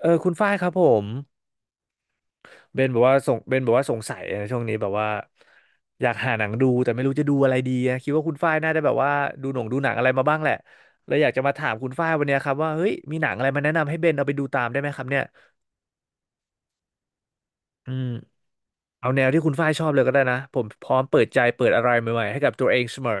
เออคุณฝ้ายครับผมเบนบอกว่าสงเบนบอกว่าสงสัยนะช่วงนี้แบบว่าอยากหาหนังดูแต่ไม่รู้จะดูอะไรดีอะคิดว่าคุณฝ้ายน่าจะแบบว่าดูหนังอะไรมาบ้างแหละเลยอยากจะมาถามคุณฝ้ายวันเนี้ยครับว่าเฮ้ยมีหนังอะไรมาแนะนำให้เบนเอาไปดูตามได้ไหมครับเนี่ยอืมเอาแนวที่คุณฝ้ายชอบเลยก็ได้นะผมพร้อมเปิดใจเปิดอะไรใหม่ๆให้กับตัวเองเสมอ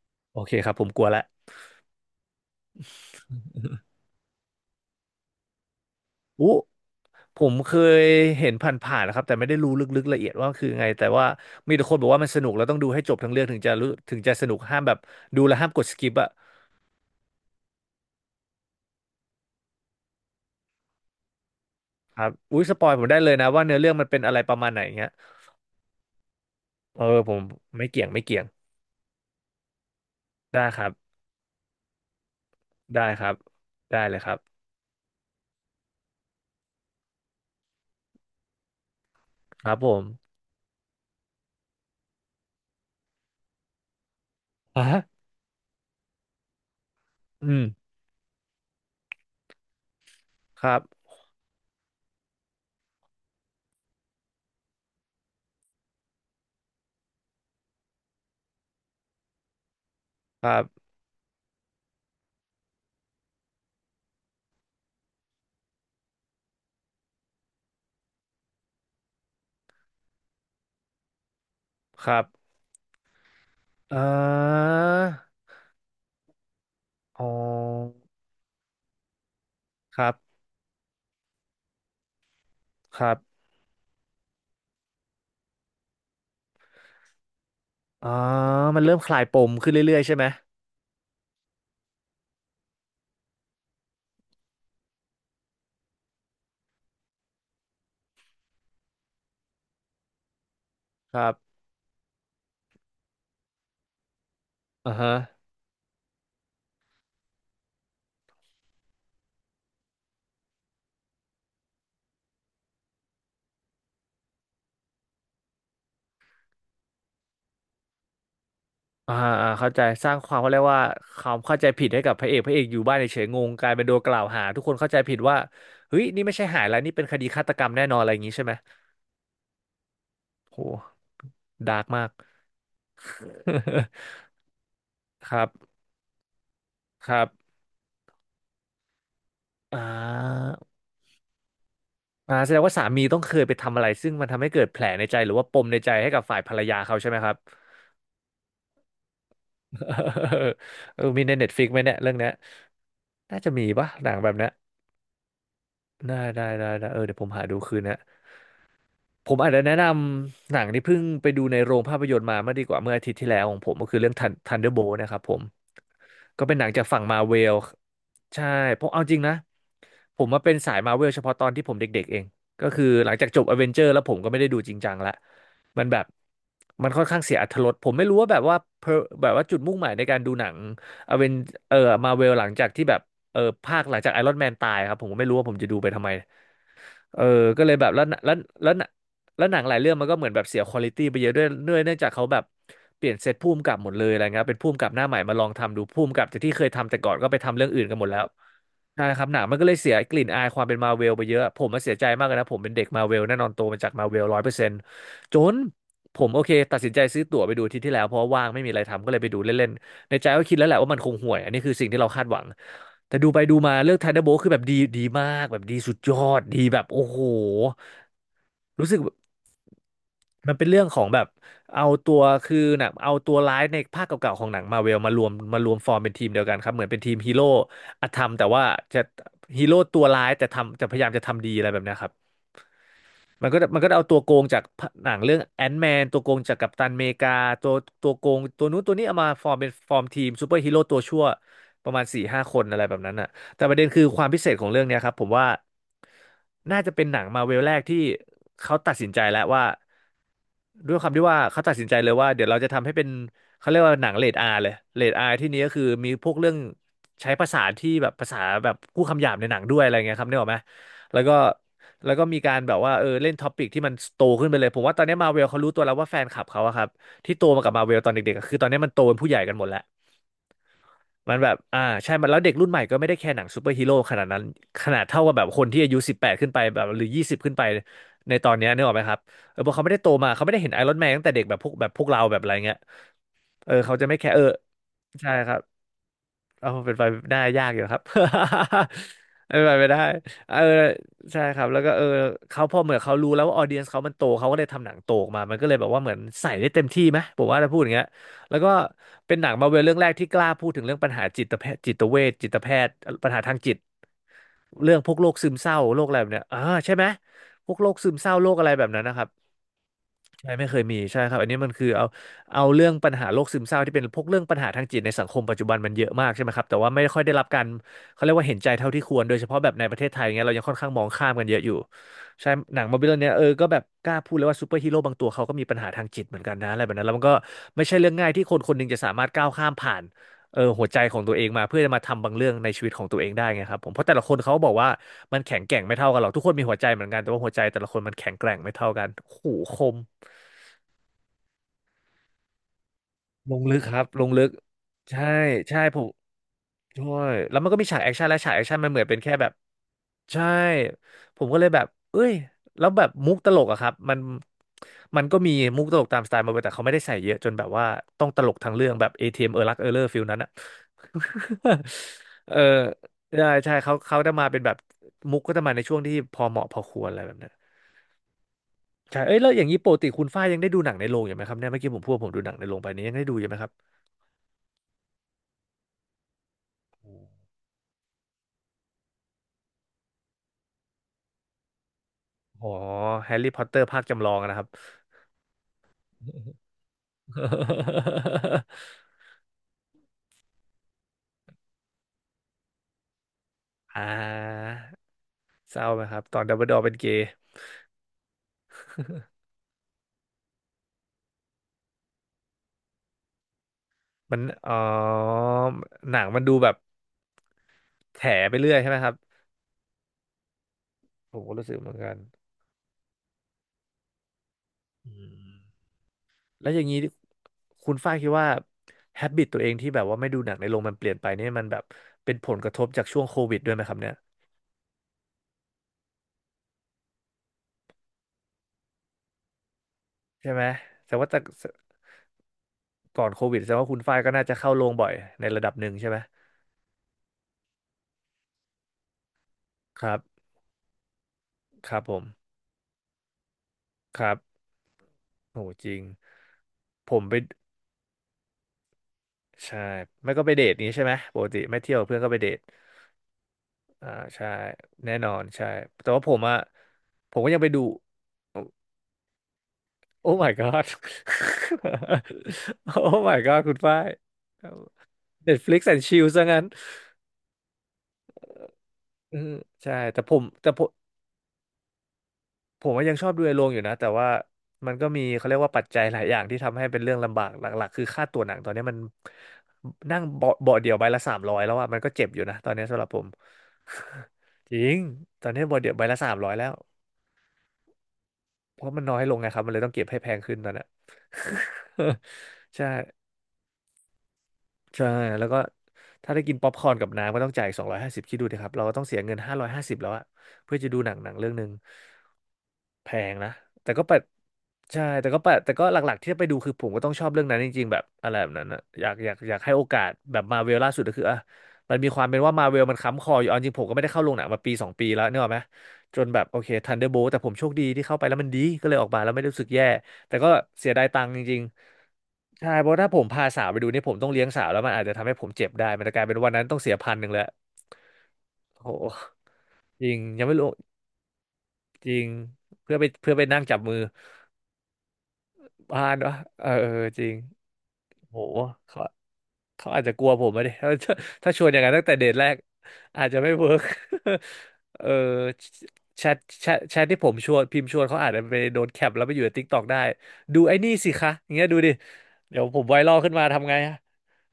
โอเคครับผมกลัวละ อุผมเคยเห็นผ่านๆนะครับแต่ไม่ได้รู้ลึกๆละเอียดว่าคือไงแต่ว่ามีแต่คนบอกว่ามันสนุกแล้วต้องดูให้จบทั้งเรื่องถึงจะรู้ถึงจะสนุกห้ามแบบดูแล้วห้ามกดสกิปอะครับอุ้ยสปอยผมได้เลยนะว่าเนื้อเรื่องมันเป็นอะไรประมาณไหนเงี้ยเออผมไม่เกี่ยงได้ครับได้ครับได้เลยครับครับผมอ่ะอืมครับครับครับอ่าอ๋อครับครับอ๋อมันเริ่มคลายปมขึ้นเรื่อยๆใช่ไหมครับอ่าฮะ อ่าอ่าเข้าใจสร้างความเขาเรียกว่าความเข้าใจผิดให้กับพระเอกพระเอกอยู่บ้านเฉยๆงงกลายเป็นโดนกล่าวหาทุกคนเข้าใจผิดว่าเฮ้ยนี่ไม่ใช่หายแล้วนี่เป็นคดีฆาตกรรมแน่นอนอะไรอย่างนี้ใช่ไหมโหดาร์กมาก ครับครับอ่าอ่าแสดงว่าสามีต้องเคยไปทำอะไรซึ่งมันทำให้เกิดแผลในใจหรือว่าปมในใจให้กับฝ่ายภรรยาเขาใช่ไหมครับ เออมีในเตฟิกไหมเนี่ยเรื่องเนี้ยน่าจะมีปะหนังแบบเนี้ยได้เออเดี๋ยวผมหาดูคืนนะ ผมอาจจะแนะนำหนังที่เพิ่งไปดูในโรงภาพยนตร์มาเมื่อดีกว่าเมื่ออาทิตย์ที่แล้วของผมก็คือเรื่อง Thunderbolt นะครับผมก็เป็นหนังจากฝั่งมาเวลใช่เพราะเอาจริงนะผมมาเป็นสายมาเวลเฉพาะตอนที่ผมเด็กๆเองก็คือหลังจากจบอเวนเจอร์แล้วผมก็ไม่ได้ดูจริงจังละมันแบบมันค่อนข้างเสียอรรถรสผมไม่รู้ว่าแบบว่า แบบว่าจุดมุ่งหมายในการดูหนังอเวนเออมาเวลหลังจากที่แบบเออภาคหลังจากไอรอนแมนตายครับผมก็ไม่รู้ว่าผมจะดูไปทำไม เออก็เลยแบบแล้วแล้วหนังหลายเรื่องมันก็เหมือนแบบเสียควอลิตี้ไปเยอะด้วยเนื่องจากเขาแบบเปลี่ยนเซตผู้กำกับหมดเลยอะไรเงี้ยเป็นผู้กำกับหน้าใหม่มาลองทำดูผู้กำกับจากที่เคยทำแต่ก่อนก็ไปทำเรื่องอื่นกันหมดแล้วใช่ครับหนังมันก็เลยเสียกลิ่นอายความเป็นมาเวลไปเยอะผมมาเสียใจมากเลยนะผมเป็นเด็กมาเวลแน่นอนโตมาจากมาเวลร้อยเปอร์เซ็นต์จนผมโอเคตัดสินใจซื้อตั๋วไปดูอาทิตย์ที่แล้วเพราะว่าว่างไม่มีอะไรทำก็เลยไปดูเล่น ในใจก็คิดแล้วแหละว่ามันคงห่วยอันนี้คือสิ่งที่เราคาดหวังแต่ดูไปดูมาเลือกไทเดอร์โบคือแบบดีมากแบบดีสุดยอดดีแบบโอ้โหรู้สึกมันเป็นเรื่องของแบบเอาตัวคือหนังเอาตัวร้ายในภาคเก่าๆของหนังมาเวลมารวมฟอร์มเป็นทีมเดียวกันครับเหมือนเป็นทีมฮีโร่อธรรมแต่ว่าจะฮีโร่ตัวร้ายแต่ทำจะพยายามจะทำดีอะไรแบบเนี้ยครับ มันก็เอาตัวโกงจากหนังเรื่องแอนแมนตัวโกงจากกัปตันอเมริกาตัวตัวโกงตัวนู้นตัวนี้เอามาฟอร์มเป็นฟอร์มทีมซูเปอร์ฮีโร่ตัวชั่วประมาณสี่ห้าคนอะไรแบบนั้นอ่ะแต่ประเด็นคือความพิเศษของเรื่องเนี้ยครับผมว่าน่าจะเป็นหนังมาเวลแรกที่เขาตัดสินใจแล้วว่าด้วยความที่ว่าเขาตัดสินใจเลยว่าเดี๋ยวเราจะทำให้เป็นเขาเรียกว่าหนังเรทอาร์เลยเรทอาร์ที่นี้ก็คือมีพวกเรื่องใช้ภาษาที่แบบภาษาแบบพูดคำหยาบในหนังด้วยอะไรเงี้ยครับนึกออกไหม แล้วก็แล้วก็มีการแบบว่าเล่นท็อปิกที่มันโตขึ้นไปเลยผมว่าตอนนี้มาเวลเขารู้ตัวแล้วว่าแฟนคลับเขาอะครับที่โตมากับมาเวลตอนเด็กๆอะคือตอนนี้มันโตเป็นผู้ใหญ่กันหมดแล้วมันแบบใช่มันแล้วเด็กรุ่นใหม่ก็ไม่ได้แค่หนังซูเปอร์ฮีโร่ขนาดนั้นขนาดเท่ากับแบบคนที่อายุ18ขึ้นไปแบบหรือ20ขึ้นไปในตอนเนี้ยนึกออกไหมครับเพราะเขาไม่ได้โตมาเขาไม่ได้เห็นไอรอนแมนตั้งแต่เด็กแบบพวกเราแบบอะไรเงี้ยเขาจะไม่แค่ใช่ครับ เอาเป็นไปได้ายากอยู่ครับ เป็นไปไม่ได้เออใช่ครับแล้วก็เขาพอเหมือนเขารู้แล้วว่าออเดียนเขามันโตเขาก็เลยทำหนังโตออกมามันก็เลยแบบว่าเหมือนใส่ได้เต็มที่ไหมผมว่าถ้าพูดอย่างเงี้ยแล้วก็เป็นหนังมาเวลเรื่องแรกที่กล้าพูดถึงเรื่องปัญหาจิตแพทย์ปัญหาทางจิตเรื่องพวกโรคซึมเศร้าโรคอะไรแบบเนี้ยใช่ไหมพวกโรคซึมเศร้าโรคอะไรแบบนั้นนะครับ ใช่ไม่เคยมีใช่ครับอันนี้มันคือเอาเรื่องปัญหาโรคซึมเศร้าที่เป็นพวกเรื่องปัญหาทางจิตในสังคมปัจจุบันมันเยอะมากใช่ไหมครับแต่ว่าไม่ค่อยได้รับการเขาเรียกว่าเห็นใจเท่าที่ควรโดยเฉพาะแบบในประเทศไทยเงี้ยเรายังค่อนข้างมองข้ามกันเยอะอยู่ใช่หนังมาร์เวลเนี่ยก็แบบกล้าพูดเลยว่าซูเปอร์ฮีโร่บางตัวเขาก็มีปัญหาทางจิตเหมือนกันนะอะไรแบบนั้นแล้วมันก็ไม่ใช่เรื่องง่ายที่คนคนหนึงจะสามารถก้าวข้ามผ่านหัวใจของตัวเองมาเพื่อจะมาทำบางเรื่องในชีวิตของตัวเองได้ไงครับผมเพราะแต่ละคนเขาบอกว่ามันแข็งแกร่งไม่เท่ากันหรอกทุกคนมีหัวใจเหมือนกันแต่ว่าหัวใจแต่ละคนมันแข็งแกร่งไม่เท่ากันโอ้โหคม ลงลึกครับลงลึกใช่ใช่ผมใช่แล้วมันก็มีฉากแอคชั่นและฉากแอคชั่นมันเหมือนเป็นแค่แบบใช่ผมก็เลยแบบเอ้ยแล้วแบบมุกตลกอะครับมันก็มีมุกตลกตามสไตล์มาเวแต่เขาไม่ได้ใส่เยอะจนแบบว่าต้องตลกทางเรื่องแบบ ATM เอมเออรักเออเลอร์ฟิลนั้นอะ เออใช่ใช่เขาจะมาเป็นแบบมุกก็จะมาในช่วงที่พอเหมาะพอควรอะไรแบบนั้นใช่เอ้ยแล้วอย่างนี้ปกติคุณฝ้ายยังได้ดูหนังในโรงอยู่ไหมครับเนี่ยเมื่อกี้ผมพูดว่าผมดูหนังในโรงไปนี้ยังได้ดูอยู่ไหมครับ โอ้แฮร์รี่พอตเตอร์ภาคจำลองอะนะครับ อ่าเศร้าไหมครับตอนดัมเบิลดอร์เป็นเกย์มันหนังมันดูแบบแถไปเรื่อยใช่ไหมครับผมก็รู้สึกเหมือนกันอืมแล้วอย่างนี้คุณฝ้ายคิดว่าแฮบิตตัวเองที่แบบว่าไม่ดูหนังในโรงมันเปลี่ยนไปเนี่ยมันแบบเป็นผลกระทบจากช่วงโควิดด้วยไหมครับเนี่ยใช่ไหมแต่ก่อนโควิดแสดงว่าคุณฝ้ายก็น่าจะเข้าโรงบ่อยในระดับหนึ่งใช่ไหมครับครับผมครับ โหจริงผมไปใช่ไม่ก็ไปเดทนี้ใช่ไหมปกติไม่เที่ยวเพื่อนก็ไปเดทอ่าใช่แน่นอนใช่แต่ว่าผมอะผมก็ยังไปดูโอ้ my god โอ้ my god คุณฝ้าย Netflix and chill ซะงั้นอืมใช่แต่ผม ผมว่ายังชอบดูในโรงอยู่นะแต่ว่ามันก็มีเขาเรียกว่าปัจจัยหลายอย่างที่ทำให้เป็นเรื่องลำบากหลักๆคือค่าตั๋วหนังตอนนี้มันนั่งเบาะเดียวใบละสามร้อยแล้วอะมันก็เจ็บอยู่นะตอนนี้สำหรับผม จริงตอนนี้เบาะเดียวใบละสามร้อยแล้วเพราะมันน้อยลงไงครับมันเลยต้องเก็บให้แพงขึ้นตอนเนี้ย ใช่ ใช่แล้วก็ถ้าได้กินป๊อปคอร์นกับน้ำก็ต้องจ่าย250คิดดูดิครับเราก็ต้องเสียเงิน550แล้วอะเพื่อจะดูหนังเรื่องหนึ่งแพงนะแต่ก็แปดใช่แต่ก็แปดแต่ก็หลักๆที่จะไปดูคือผมก็ต้องชอบเรื่องนั้นจริงๆแบบอะไรแบบนั้นอะอยากให้โอกาสแบบมาเวลล่าสุดก็คืออ่ะมันมีความเป็นว่ามาเวลมันค้ำคออยู่เอาจริงผมก็ไม่ได้เข้าโรงหนังมาปีสองปีแล้วเนกอะไหมจนแบบโอเคทันเดอร์โบ t แต่ผมโชคดีที่เข้าไปแล้วมันดีก็เลยออกมาแล้วไม่ได้รู้สึกแย่ แต่ก็เสียดายตังค์จริงๆใช่เพราะถ้าผมพาสาวไปดูนี่ผมต้องเลี้ยงสาวแล้วมันอาจจะทำให้ผมเจ็บได้ มันจะกลายเป็นวันนั้นต้องเสีย1,100แล้วโอ้โห จริง ยังไม่รู้ จริง เพื่อไปนั่งจับมือพานวะเออจริงโห เขาอาจจะกลัวผมอะดิ ถ้าถ้าชวนอย่างนั้นตั้งแต่เดทแรกอาจจะไม่เวิร์ก เออแชทแชทที่ผมชวนพิมพ์ชวนเขาอาจจะไปโดนแคปแล้วไปอยู่ในติ๊กตอกได้ดูไอ้นี่สิคะอย่างเงี้ยดูดิเดี๋ยวผมไวรัลขึ้นมาทำไงอะ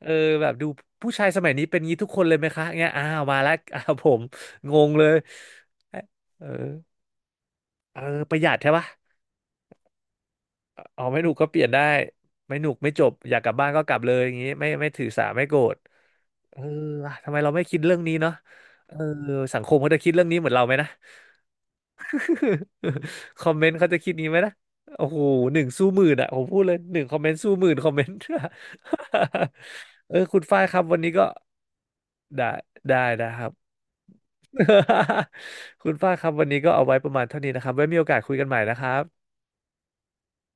เออแบบดูผู้ชายสมัยนี้เป็นงี้ทุกคนเลยไหมคะเงี้ยอ้าวมาแล้ว อ้าวผมงงเลยเออเออประหยัดใช่ปะอ๋อไม่หนุกก็เปลี่ยนได้ไม่หนุกไม่จบอยากกลับบ้านก็กลับเลยอย่างงี้ไม่ถือสาไม่โกรธ เออว่ะทำไมเราไม่คิดเรื่องนี้เนาะเออสังคมเขาจะคิดเรื่องนี้เหมือนเราไหมนะ คอมเมนต์เขาจะคิดนี้ไหมนะโอ้โหหนึ่งสู้หมื่นอ่ะผมพูดเลยหนึ่งคอมเมนต์สู้หมื่นคอมเมนต์ เออคุณฝ้ายครับวันนี้ก็ได้ได้ได้ครับ คุณฝ้ายครับวันนี้ก็เอาไว้ประมาณเท่านี้นะครับไว้มีโอกาสคุยกันใหม่นะครับ